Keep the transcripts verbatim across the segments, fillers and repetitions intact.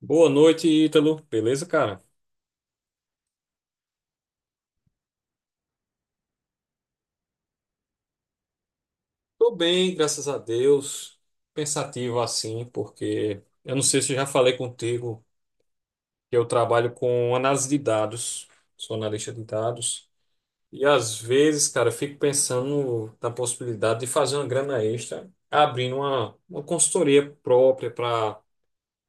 Boa noite, Ítalo. Beleza, cara? Tô bem, graças a Deus. Pensativo assim, porque eu não sei se eu já falei contigo que eu trabalho com análise de dados, sou analista de dados. E às vezes, cara, eu fico pensando na possibilidade de fazer uma grana extra, abrindo uma, uma consultoria própria para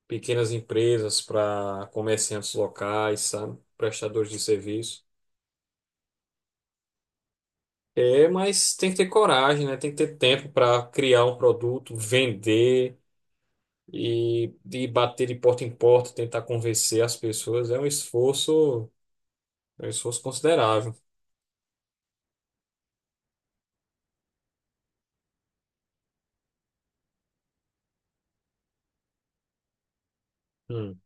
pequenas empresas, para comerciantes locais, sabe? Prestadores de serviço. É, mas tem que ter coragem, né? Tem que ter tempo para criar um produto, vender e, e bater de porta em porta, tentar convencer as pessoas. É um esforço, é um esforço considerável. Hum.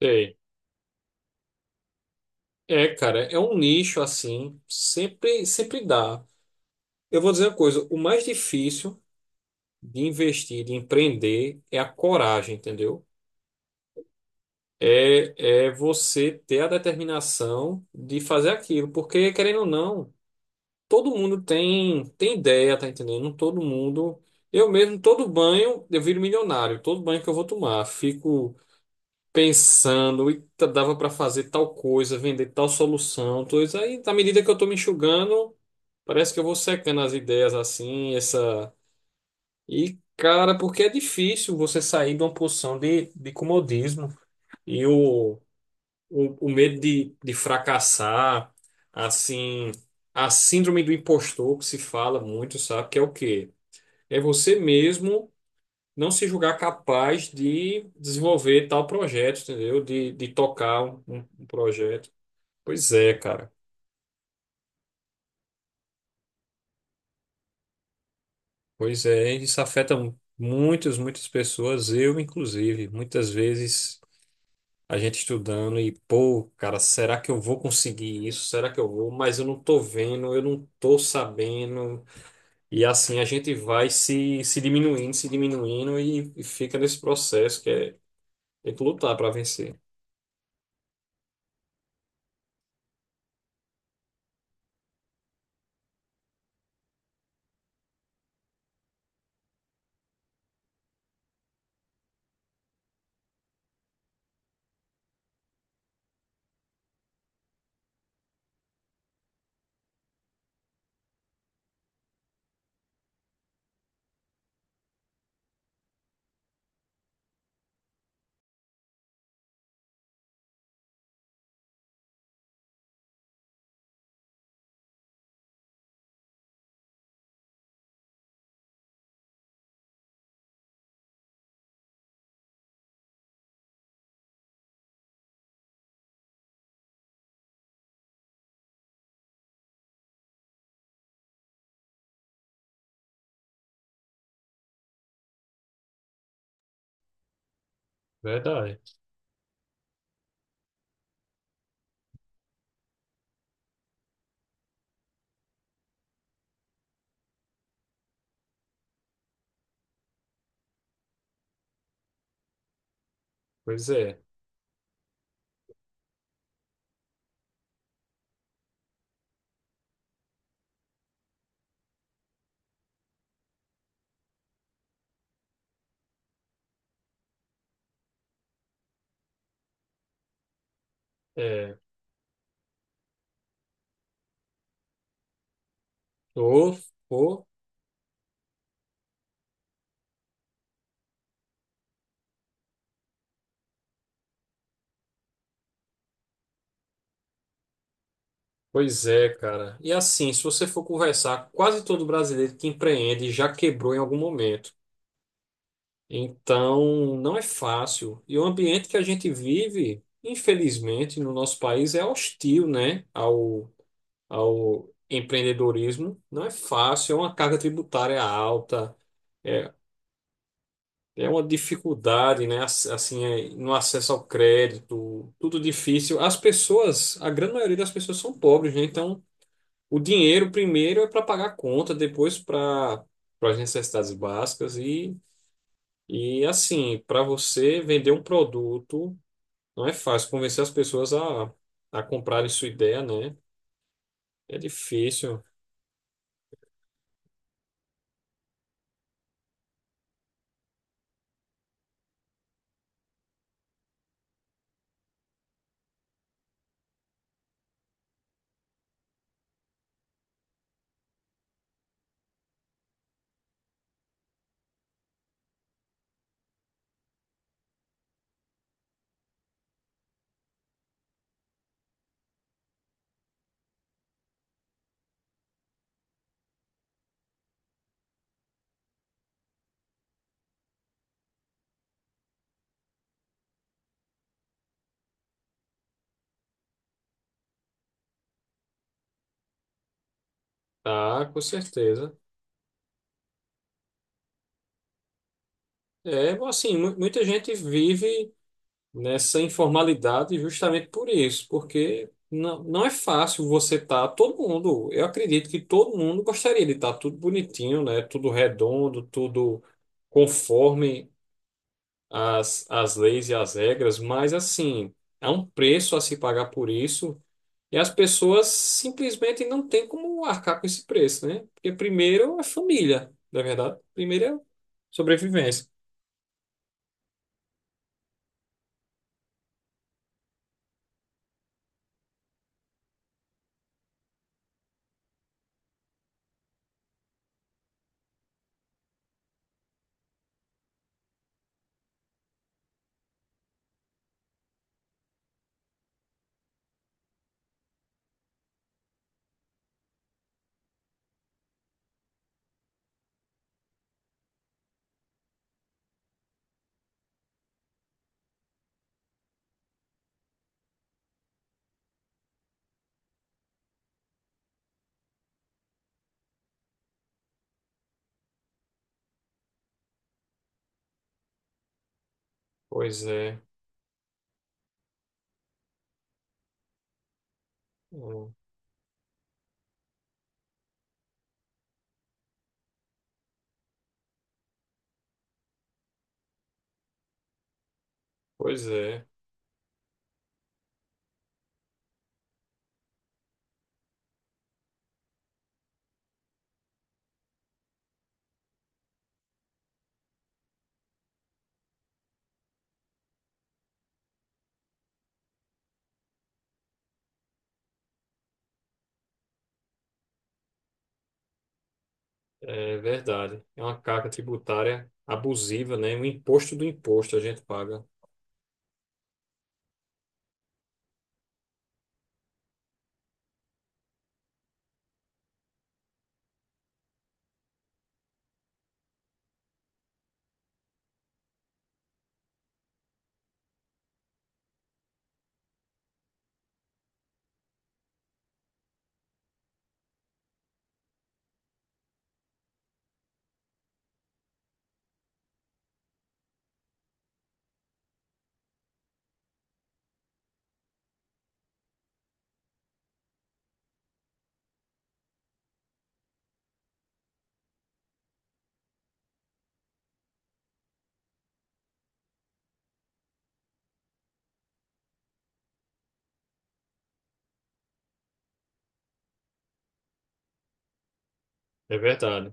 Sei. É, cara, é um nicho assim, sempre, sempre dá. Eu vou dizer uma coisa, o mais difícil de investir, de empreender, é a coragem, entendeu? É, é você ter a determinação de fazer aquilo, porque querendo ou não. Todo mundo tem tem ideia, tá entendendo? Todo mundo, eu mesmo, todo banho eu viro milionário, todo banho que eu vou tomar, fico pensando, e dava pra fazer tal coisa, vender tal solução, tudo isso aí, na medida que eu tô me enxugando, parece que eu vou secando as ideias assim, essa e cara, porque é difícil você sair de uma posição de, de comodismo e o o, o medo de, de fracassar, assim, a síndrome do impostor que se fala muito, sabe? Que é o quê? É você mesmo não se julgar capaz de desenvolver tal projeto, entendeu? De, de tocar um, um- um projeto. Pois é, cara. Pois é, isso afeta mu- muitas, muitas pessoas, eu inclusive. Muitas vezes a gente estudando e, pô, cara, será que eu vou conseguir isso? Será que eu vou? Mas eu não tô vendo, eu não tô sabendo. E assim a gente vai se, se diminuindo, se diminuindo e, e fica nesse processo que é tem que lutar para vencer. Verdade. Pois é. É. Ô, ô, pois é, cara. E assim, se você for conversar, quase todo brasileiro que empreende já quebrou em algum momento. Então, não é fácil. E o ambiente que a gente vive, infelizmente, no nosso país é hostil, né, ao, ao empreendedorismo. Não é fácil, é uma carga tributária alta. É, é uma dificuldade, né? ass- Assim, é, no acesso ao crédito, tudo difícil. As pessoas, a grande maioria das pessoas são pobres, né? Então, o dinheiro primeiro é para pagar a conta, depois para para as necessidades básicas e e assim, para você vender um produto, não é fácil convencer as pessoas a a comprarem sua ideia, né? É difícil, tá? Com certeza. É, assim, mu- muita gente vive nessa informalidade justamente por isso, porque não, não é fácil você estar, todo mundo, eu acredito que todo mundo gostaria de estar tudo bonitinho, né? Tudo redondo, tudo conforme as, as leis e as regras, mas assim, é um preço a se pagar por isso. E as pessoas simplesmente não têm como arcar com esse preço, né? Porque primeiro é família, na verdade. Primeiro é sobrevivência. Pois é. Hum. Pois é. É verdade. É uma carga tributária abusiva, né? Um imposto do imposto a gente paga. É verdade.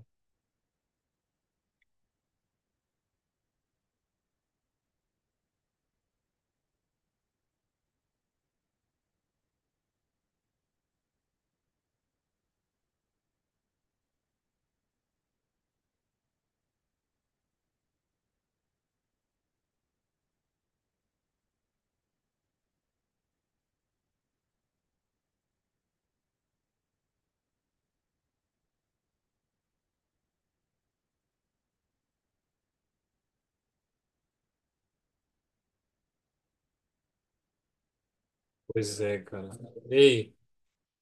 Pois é, cara. Ei,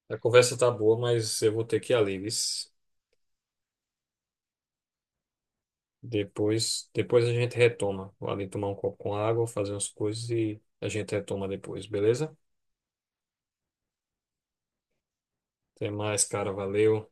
a conversa tá boa, mas eu vou ter que ir ali, vis. Depois, depois a gente retoma. Vou ali tomar um copo com água, fazer umas coisas e a gente retoma depois, beleza? Até mais, cara. Valeu.